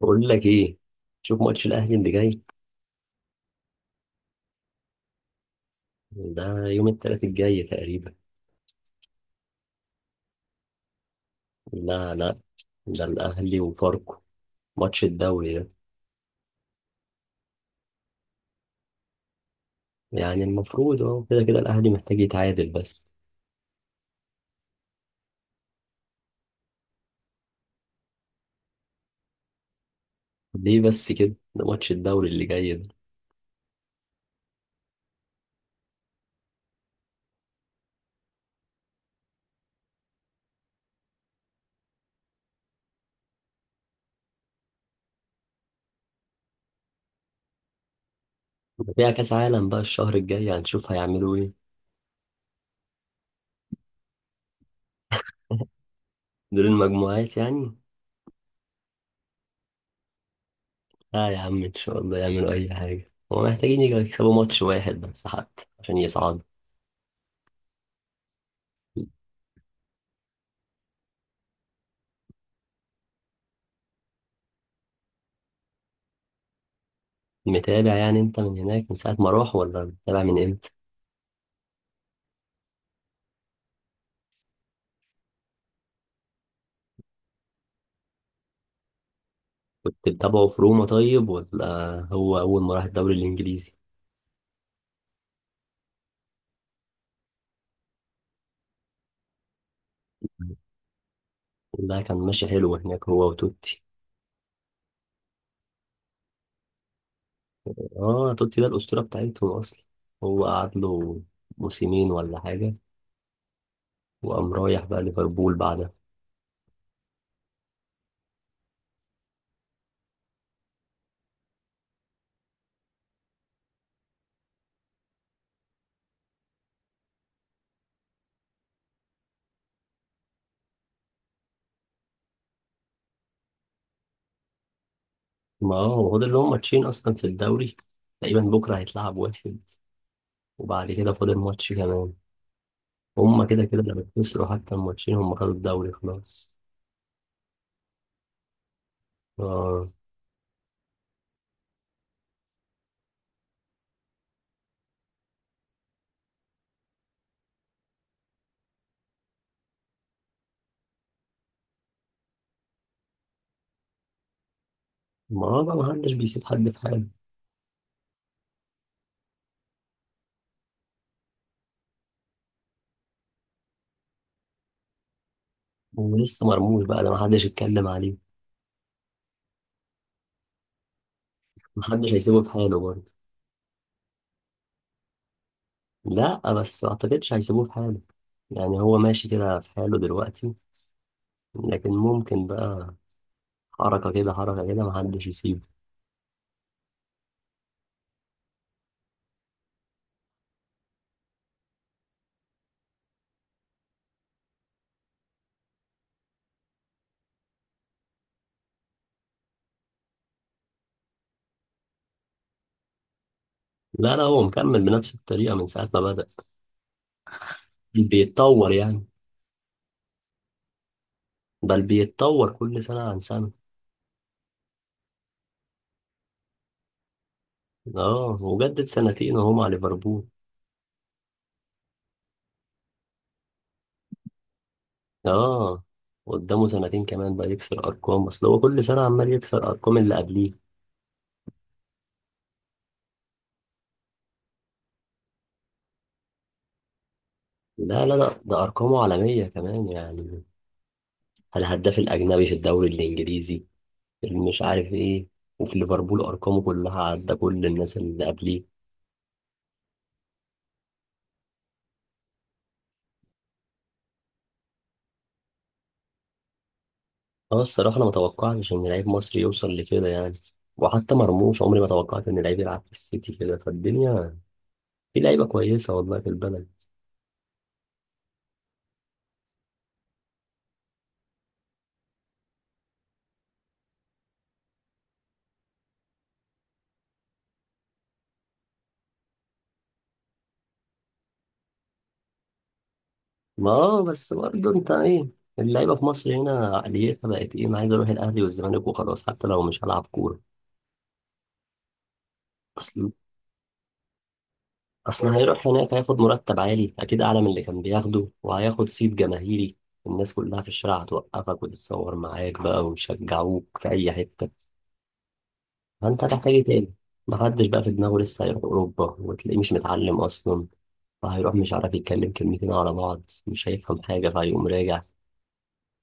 بقول لك ايه. شوف ماتش الاهلي اللي جاي. ده يوم الثلاث الجاي تقريبا. لا لا، ده الاهلي وفاركو. ماتش الدوري ده يعني المفروض اهو كده كده الاهلي محتاج يتعادل بس. ليه بس كده؟ ده ماتش الدوري اللي جاي ده. ده فيها كاس عالم بقى الشهر الجاي، هنشوف هيعملوا ايه. دور المجموعات يعني. لا يا عم، ان شاء الله يعملوا اي حاجه، هما محتاجين يجوا يكسبوا ماتش واحد بس حتى عشان يصعدوا. متابع يعني انت من هناك من ساعه ما راح، ولا متابع من امتى؟ كنت بتابعه في روما طيب، ولا هو أول ما راح الدوري الإنجليزي؟ لا، كان ماشي حلو هناك هو وتوتي. اه، توتي ده الأسطورة بتاعتهم أصلا. هو قعد له موسمين ولا حاجة، وقام رايح بقى ليفربول بعدها. ما هو فاضل لهم ماتشين أصلا في الدوري. تقريبا بكرة هيتلعب واحد، وبعد كده فاضل ماتش كمان. هما كده كده لما خسروا حتى الماتشين، هما خدوا الدوري خلاص. اه. ما هو بقى محدش بيسيب حد في حاله. ولسه مرموش بقى، ده محدش يتكلم عليه. محدش هيسيبه في حاله برضه. لا بس ما اعتقدش هيسيبوه في حاله. يعني هو ماشي كده في حاله دلوقتي، لكن ممكن بقى حركة كده حركة كده، محدش يسيبه. لا لا، هو مكمل بنفس الطريقة من ساعة ما بدأ. بيتطور يعني. بل بيتطور كل سنة عن سنة. اه، وجدد سنتين وهو مع ليفربول. اه، قدامه سنتين كمان بقى يكسر أرقام، أصل هو كل سنة عمال يكسر أرقام اللي قبليه. لا لا لا، ده أرقامه عالمية كمان يعني. الهداف الأجنبي في الدوري الإنجليزي، مش عارف ايه. وفي ليفربول ارقامه كلها عدى كل الناس اللي قبليه. اه، الصراحه انا ما توقعتش ان لعيب مصري يوصل لكده يعني. وحتى مرموش، عمري ما توقعت ان لعيب يلعب في السيتي كده. فالدنيا في لعيبه كويسه والله في البلد. ما بس برضه انت ايه، اللعيبه في مصر هنا عقليتها بقت ايه؟ انا عايز اروح الاهلي والزمالك وخلاص حتى لو مش هلعب كوره. اصل هيروح هناك هياخد مرتب عالي اكيد، اعلى من اللي كان بياخده، وهياخد صيت جماهيري. الناس كلها في الشارع هتوقفك وتتصور معاك بقى، ويشجعوك في اي حتة. فانت هتحتاج ايه تاني؟ محدش بقى في دماغه لسه هيروح اوروبا وتلاقيه مش متعلم اصلا. فهيروح مش عارف يتكلم كلمتين على بعض، مش هيفهم حاجة فهيقوم راجع.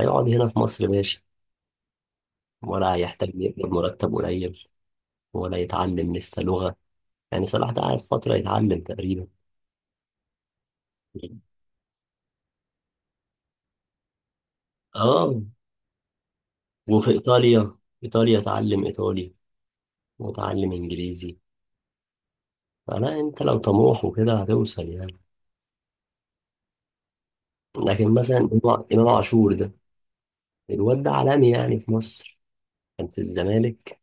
هيقعد هنا في مصر ماشي، ولا هيحتاج يقبض مرتب قليل، ولا يتعلم لسه لغة. يعني صلاح ده قاعد فترة يتعلم تقريبا. اه. وفي ايطاليا، ايطاليا اتعلم ايطالي، واتعلم انجليزي. فلا انت لو طموح وكده هتوصل يعني. لكن مثلا إمام عاشور ده، الواد ده عالمي يعني. في مصر كان في الزمالك،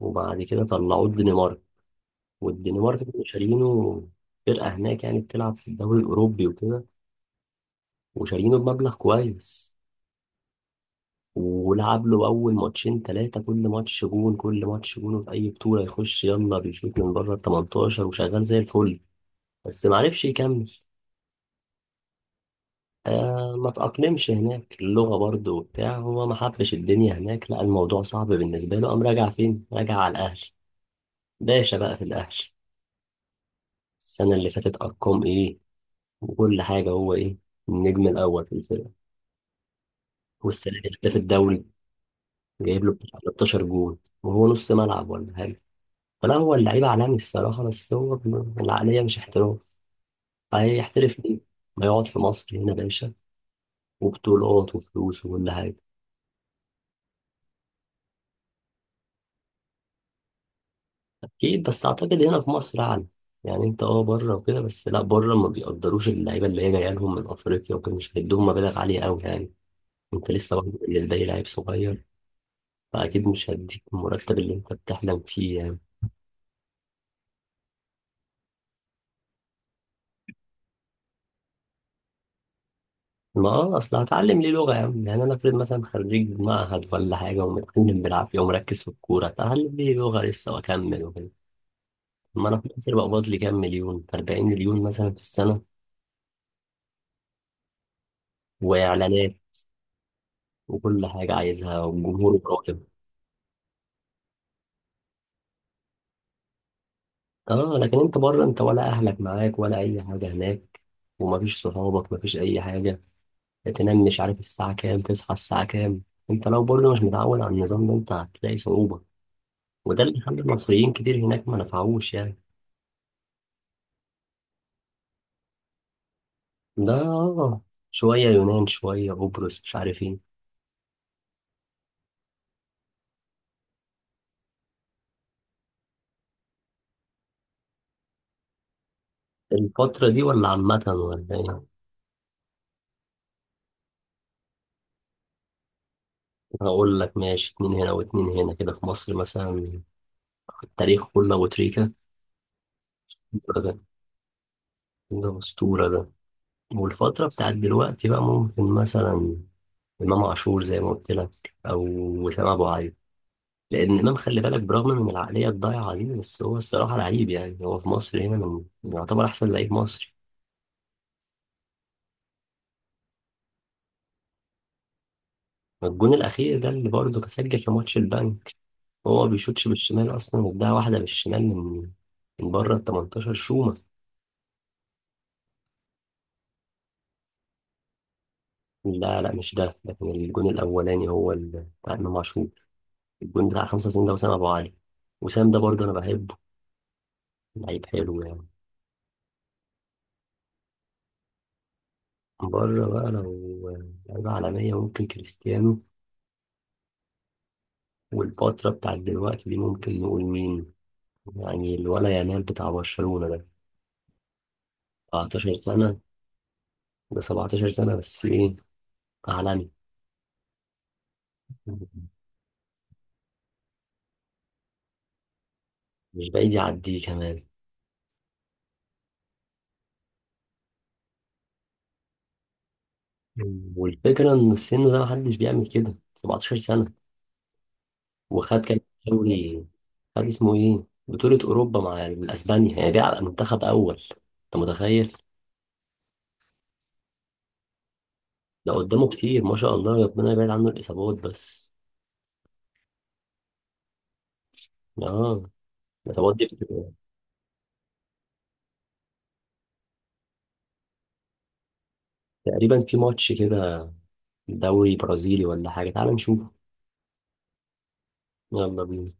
وبعد كده طلعوه الدنمارك. والدنمارك كانوا شارينه، فرقة هناك يعني بتلعب في الدوري الأوروبي وكده، وشارينه بمبلغ كويس. ولعب له أول ماتشين تلاتة كل ماتش جون، كل ماتش جون في أي بطولة يخش يلا بيشوط من بره ال 18 وشغال زي الفل. بس معرفش يكمل. ما تأقلمش هناك، اللغة برضو وبتاع، هو ما حبش الدنيا هناك، لا الموضوع صعب بالنسبة له، قام راجع فين؟ راجع على الأهل. باشا بقى في الأهل، السنة اللي فاتت أرقام إيه وكل حاجة. هو إيه؟ النجم الأول في الفرقة. والسنة دي هداف الدوري، جايب له بتاع 13 جول وهو نص ملعب ولا حاجة. فلا هو اللعيب عالمي الصراحة، بس هو العقلية مش احتراف. هيحترف ليه؟ ما يقعد في مصر هنا باشا، وبطولات وفلوس وكل حاجة. اكيد، بس اعتقد هنا في مصر اعلى. يعني انت اه بره وكده، بس لا بره ما بيقدروش، اللعيبه اللي هي جايه لهم من افريقيا وكده مش هيدوهم مبالغ عاليه قوي يعني. انت لسه برضه بالنسبه لي لعيب صغير. فاكيد مش هديك المرتب اللي انت بتحلم فيه يعني. ما اصل هتعلم ليه لغه يا عم؟ يعني انا افرض مثلا خريج معهد ولا حاجه ومتعلم بالعافيه ومركز في الكوره، هتعلم ليه لغه لسه واكمل وكده. ما انا في مصر بقبض لي كام مليون، 40 مليون مثلا في السنه، واعلانات وكل حاجه عايزها والجمهور. اه، لكن انت بره انت ولا اهلك معاك ولا اي حاجه هناك، ومفيش صحابك، مفيش اي حاجه. تنام مش عارف الساعه كام، تصحى الساعه كام. انت لو برضه مش متعود على النظام ده، انت هتلاقي صعوبه. وده اللي خلى المصريين كتير هناك ما نفعوش يعني. ده اه. شويه يونان شويه قبرص مش عارف ايه. الفترة دي ولا عامة ولا ايه؟ هقول لك ماشي، اتنين هنا واتنين هنا كده. في مصر مثلا التاريخ كله أبو تريكة. ده ده أسطورة ده. والفترة بتاعت دلوقتي بقى ممكن مثلا امام عاشور زي ما قلت لك، او وسام ابو علي. لان امام خلي بالك، برغم من العقليه الضايعه دي، بس هو الصراحه لعيب يعني. هو في مصر هنا من يعتبر احسن لعيب مصري. الجون الاخير ده اللي برضه كان سجل في ماتش البنك. هو ما بيشوطش بالشمال اصلا، اداها واحده بالشمال من بره ال 18 شومه. لا لا، مش ده، لكن الجون الاولاني هو بتاع امام عاشور. الجون بتاع 95 ده وسام ابو علي. وسام ده برضه انا بحبه، لعيب حلو يعني. بره بقى لو لعيبه عالميه ممكن كريستيانو. والفترة بتاعت دلوقتي دي ممكن نقول مين؟ يعني الولا يامال بتاع برشلونة ده. 17 سنة، ده 17 سنة بس ايه، عالمي. مش بعيد يعديه كمان. والفكرة ان السن ده محدش بيعمل كده. 17 سنة، وخد كام دوري، خد اسمه ايه بطولة اوروبا مع الاسبانيا يعني، بيلعب منتخب اول. انت متخيل؟ ده قدامه كتير ما شاء الله، ربنا يبعد عنه الاصابات بس. اه، الاصابات دي. تقريبا في ماتش كده، دوري برازيلي ولا حاجة، تعال نشوف. يلا بينا.